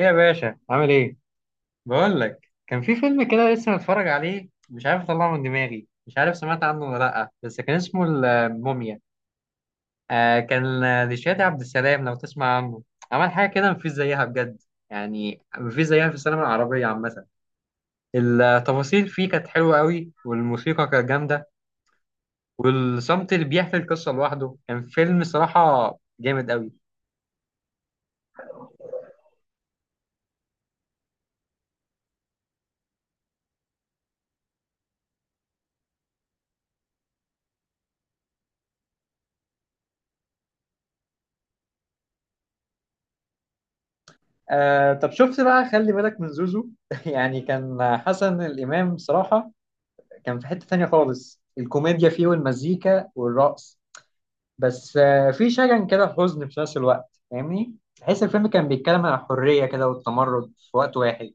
إيه يا باشا، عامل ايه؟ بقول لك كان في فيلم كده لسه متفرج عليه، مش عارف اطلعه من دماغي. مش عارف سمعت عنه ولا لا، بس كان اسمه الموميا. آه كان، لشادي عبد السلام، لو تسمع عنه. عمل حاجه كده مفيش زيها بجد. يعني مفيش زيها في السينما العربيه عامه. التفاصيل فيه كانت حلوه قوي، والموسيقى كانت جامده، والصمت اللي بيحكي القصه لوحده. كان فيلم صراحه جامد قوي. آه طب شفت بقى خلي بالك من زوزو يعني كان حسن الامام صراحه. كان في حتة تانية خالص، الكوميديا فيه والمزيكا والرقص. بس في شجن كده، حزن في نفس الوقت، فاهمني. تحس الفيلم كان بيتكلم عن الحرية كده والتمرد في وقت واحد.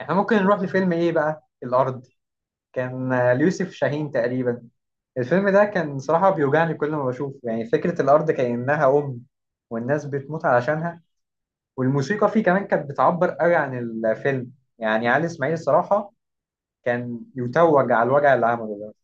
احنا ممكن نروح لفيلم ايه بقى؟ الأرض. كان ليوسف شاهين تقريبا. الفيلم ده كان صراحة بيوجعني كل ما بشوفه. يعني فكرة الأرض كأنها أم، والناس بتموت علشانها. والموسيقى فيه كمان كانت بتعبر قوي عن الفيلم. يعني علي إسماعيل الصراحة كان يتوج على الوجع اللي عمله ده.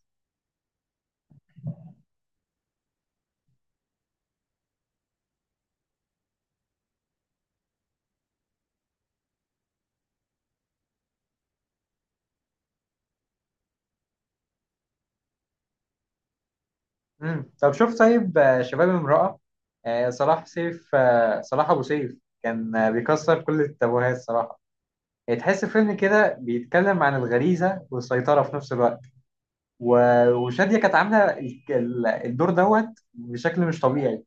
طب شوف طيب، شباب امرأة. آه، صلاح أبو سيف كان بيكسر كل التابوهات صراحة. يعني تحس فيلم كده بيتكلم عن الغريزة والسيطرة في نفس الوقت. وشادية كانت عاملة الدور دوت بشكل مش طبيعي.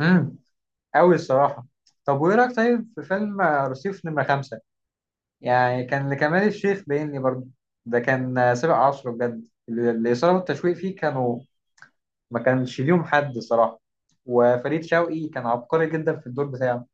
امم أوي الصراحة. طب وإيه رأيك طيب في فيلم، رصيف نمرة خمسة؟ يعني كان لكمال الشيخ باين لي برضه. ده كان سابق عصره بجد. الإثارة والتشويق فيه كانوا ما كانش ليهم حد صراحة. وفريد شوقي كان عبقري جدا في الدور بتاعه.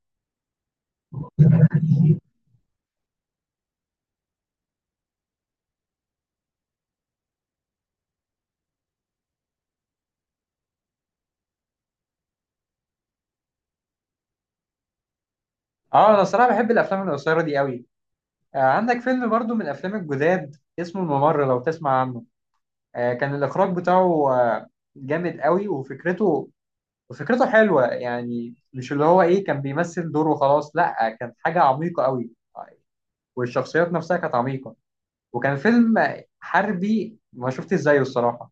اه انا صراحة بحب الافلام القصيرة دي قوي. آه عندك فيلم برضو من الافلام الجداد اسمه الممر، لو تسمع عنه. آه كان الاخراج بتاعه آه جامد قوي، وفكرته حلوة. يعني مش اللي هو ايه كان بيمثل دور وخلاص، لا كان حاجة عميقة قوي. والشخصيات نفسها كانت عميقة. وكان فيلم حربي ما شفتش زيه الصراحة.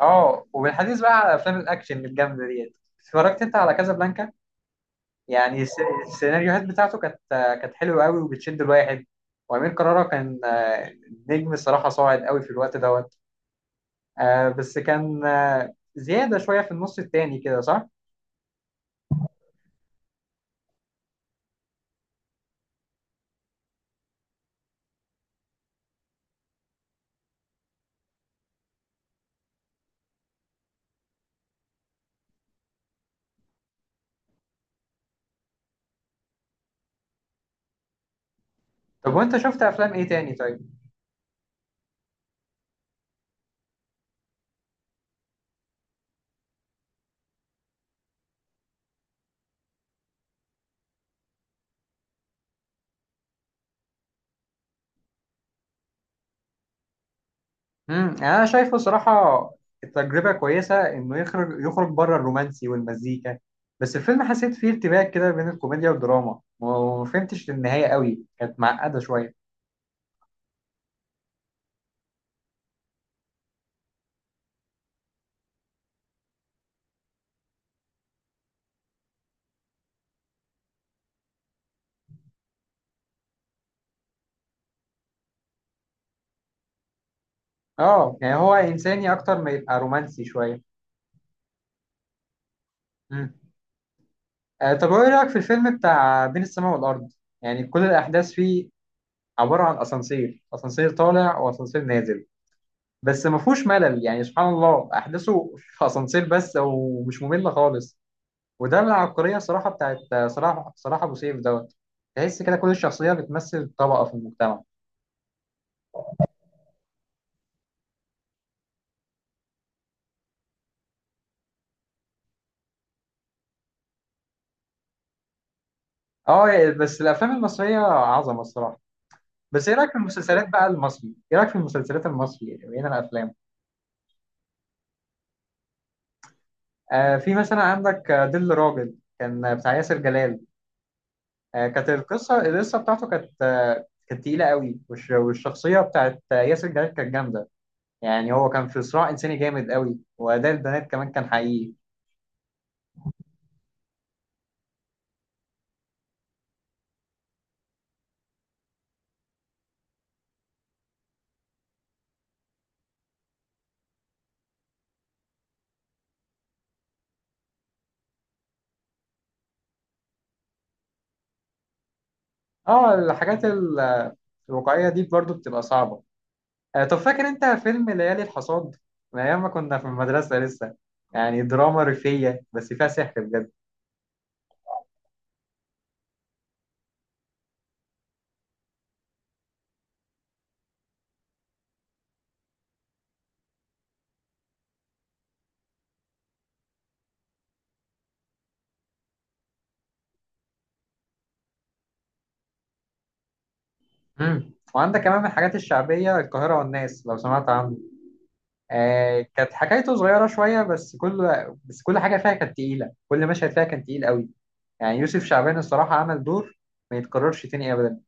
اه، وبالحديث بقى على افلام الاكشن الجامدة ديت، اتفرجت انت على كازابلانكا؟ يعني السيناريوهات بتاعته كانت حلوه قوي وبتشد الواحد. وامير كرارة كان نجم الصراحه صاعد قوي في الوقت دوت. بس كان زياده شويه في النص التاني كده، صح؟ طب وانت شفت افلام ايه تاني طيب؟ انا شايفه صراحه تجربه كويسه انه يخرج بره الرومانسي والمزيكا. بس الفيلم حسيت فيه ارتباك كده بين الكوميديا والدراما، وما فهمتش النهايه قوي، كانت معقده شويه. اه يعني هو انساني اكتر ما يبقى رومانسي شويه. مم. طب ايه رأيك في الفيلم بتاع بين السماء والأرض؟ يعني كل الأحداث فيه عبارة عن أسانسير، أسانسير طالع وأسانسير نازل، بس ما فيهوش ملل. يعني سبحان الله أحداثه في أسانسير بس، ومش مملة خالص. وده العبقرية صراحة بتاعت صلاح أبو سيف دوت. تحس كده كل الشخصية بتمثل طبقة في المجتمع. أه يعني بس الأفلام المصرية عظمة الصراحة. بس إيه رأيك في المسلسلات بقى المصري؟ إيه رأيك في المسلسلات المصري غير الأفلام؟ آه في مثلا عندك، دل راجل كان بتاع ياسر جلال. كانت القصه بتاعته كانت تقيله قوي. والشخصيه بتاعت ياسر جلال كانت جامده. يعني هو كان في صراع انساني جامد قوي، واداء البنات كمان كان حقيقي. اه، الحاجات الواقعيه دي برضو بتبقى صعبه. طب فاكر انت فيلم ليالي الحصاد؟ من ايام ما كنا في المدرسه لسه. يعني دراما ريفيه بس فيها سحر بجد. مم. وعندك كمان من الحاجات الشعبيه القاهره والناس، لو سمعت عنه. آه كانت حكايته صغيره شويه، بس كل حاجه فيها كانت تقيله، كل مشهد فيها كان تقيل قوي. يعني يوسف شعبان الصراحة عمل دور ما يتكررش تاني أبدا.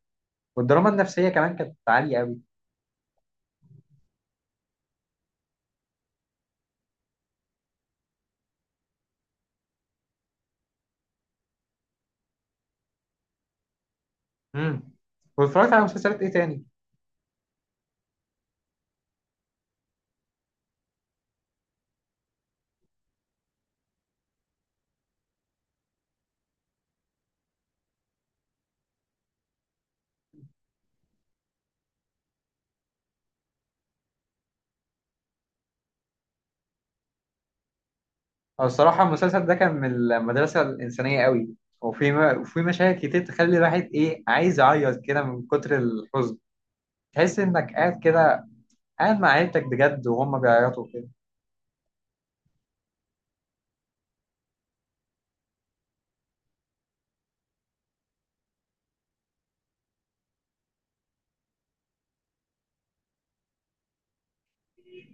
والدراما النفسية كمان كانت عالية أوي. امم واتفرجت على مسلسلات إيه تاني؟ أو الصراحة المسلسل ده كان من المدرسة الإنسانية أوي. وفي مشاهد كتير تخلي الواحد إيه، عايز يعيط كده من كتر الحزن. تحس إنك قاعد كده، قاعد مع عيلتك بجد وهم بيعيطوا كده.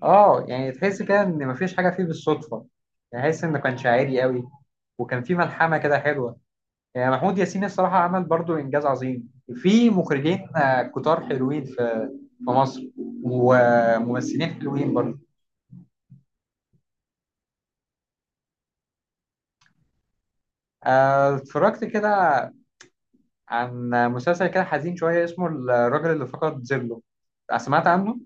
آه يعني تحس كده إن مفيش حاجة فيه بالصدفة. يعني تحس إنه كان شاعري أوي، وكان فيه ملحمة كده حلوة. يعني محمود ياسين الصراحة عمل برضو إنجاز عظيم. في مخرجين كتار حلوين في مصر، وممثلين حلوين برضو. اتفرجت كده عن مسلسل كده حزين شوية اسمه الراجل اللي فقد ظله، سمعت عنه؟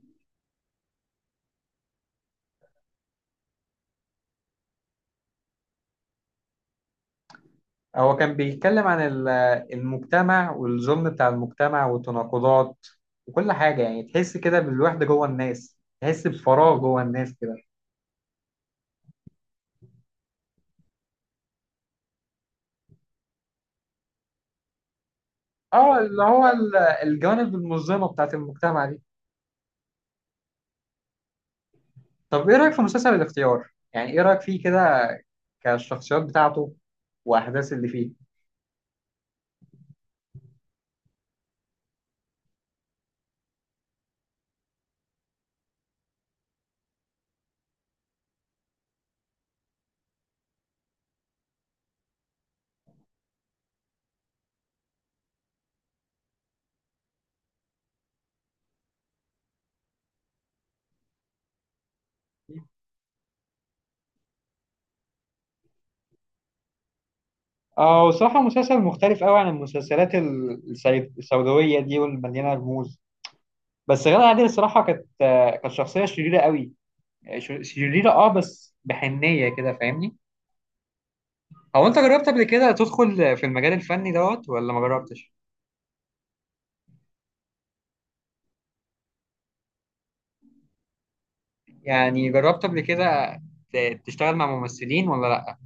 هو كان بيتكلم عن المجتمع، والظلم بتاع المجتمع والتناقضات وكل حاجة. يعني تحس كده بالوحدة جوه الناس، تحس بفراغ جوه الناس كده. اه، اللي هو الجوانب المظلمة بتاعت المجتمع دي. طب ايه رأيك في مسلسل الاختيار؟ يعني ايه رأيك فيه كده، كالشخصيات بتاعته واحداث اللي فيه؟ اه، وصراحة مسلسل مختلف قوي عن المسلسلات السوداوية دي والمليانة رموز. بس غادة عادل الصراحة كانت شخصية شريرة قوي، شريرة اه، بس بحنية كده فاهمني. هو انت جربت قبل كده تدخل في المجال الفني دوت ولا ما جربتش؟ يعني جربت قبل كده تشتغل مع ممثلين ولا لا؟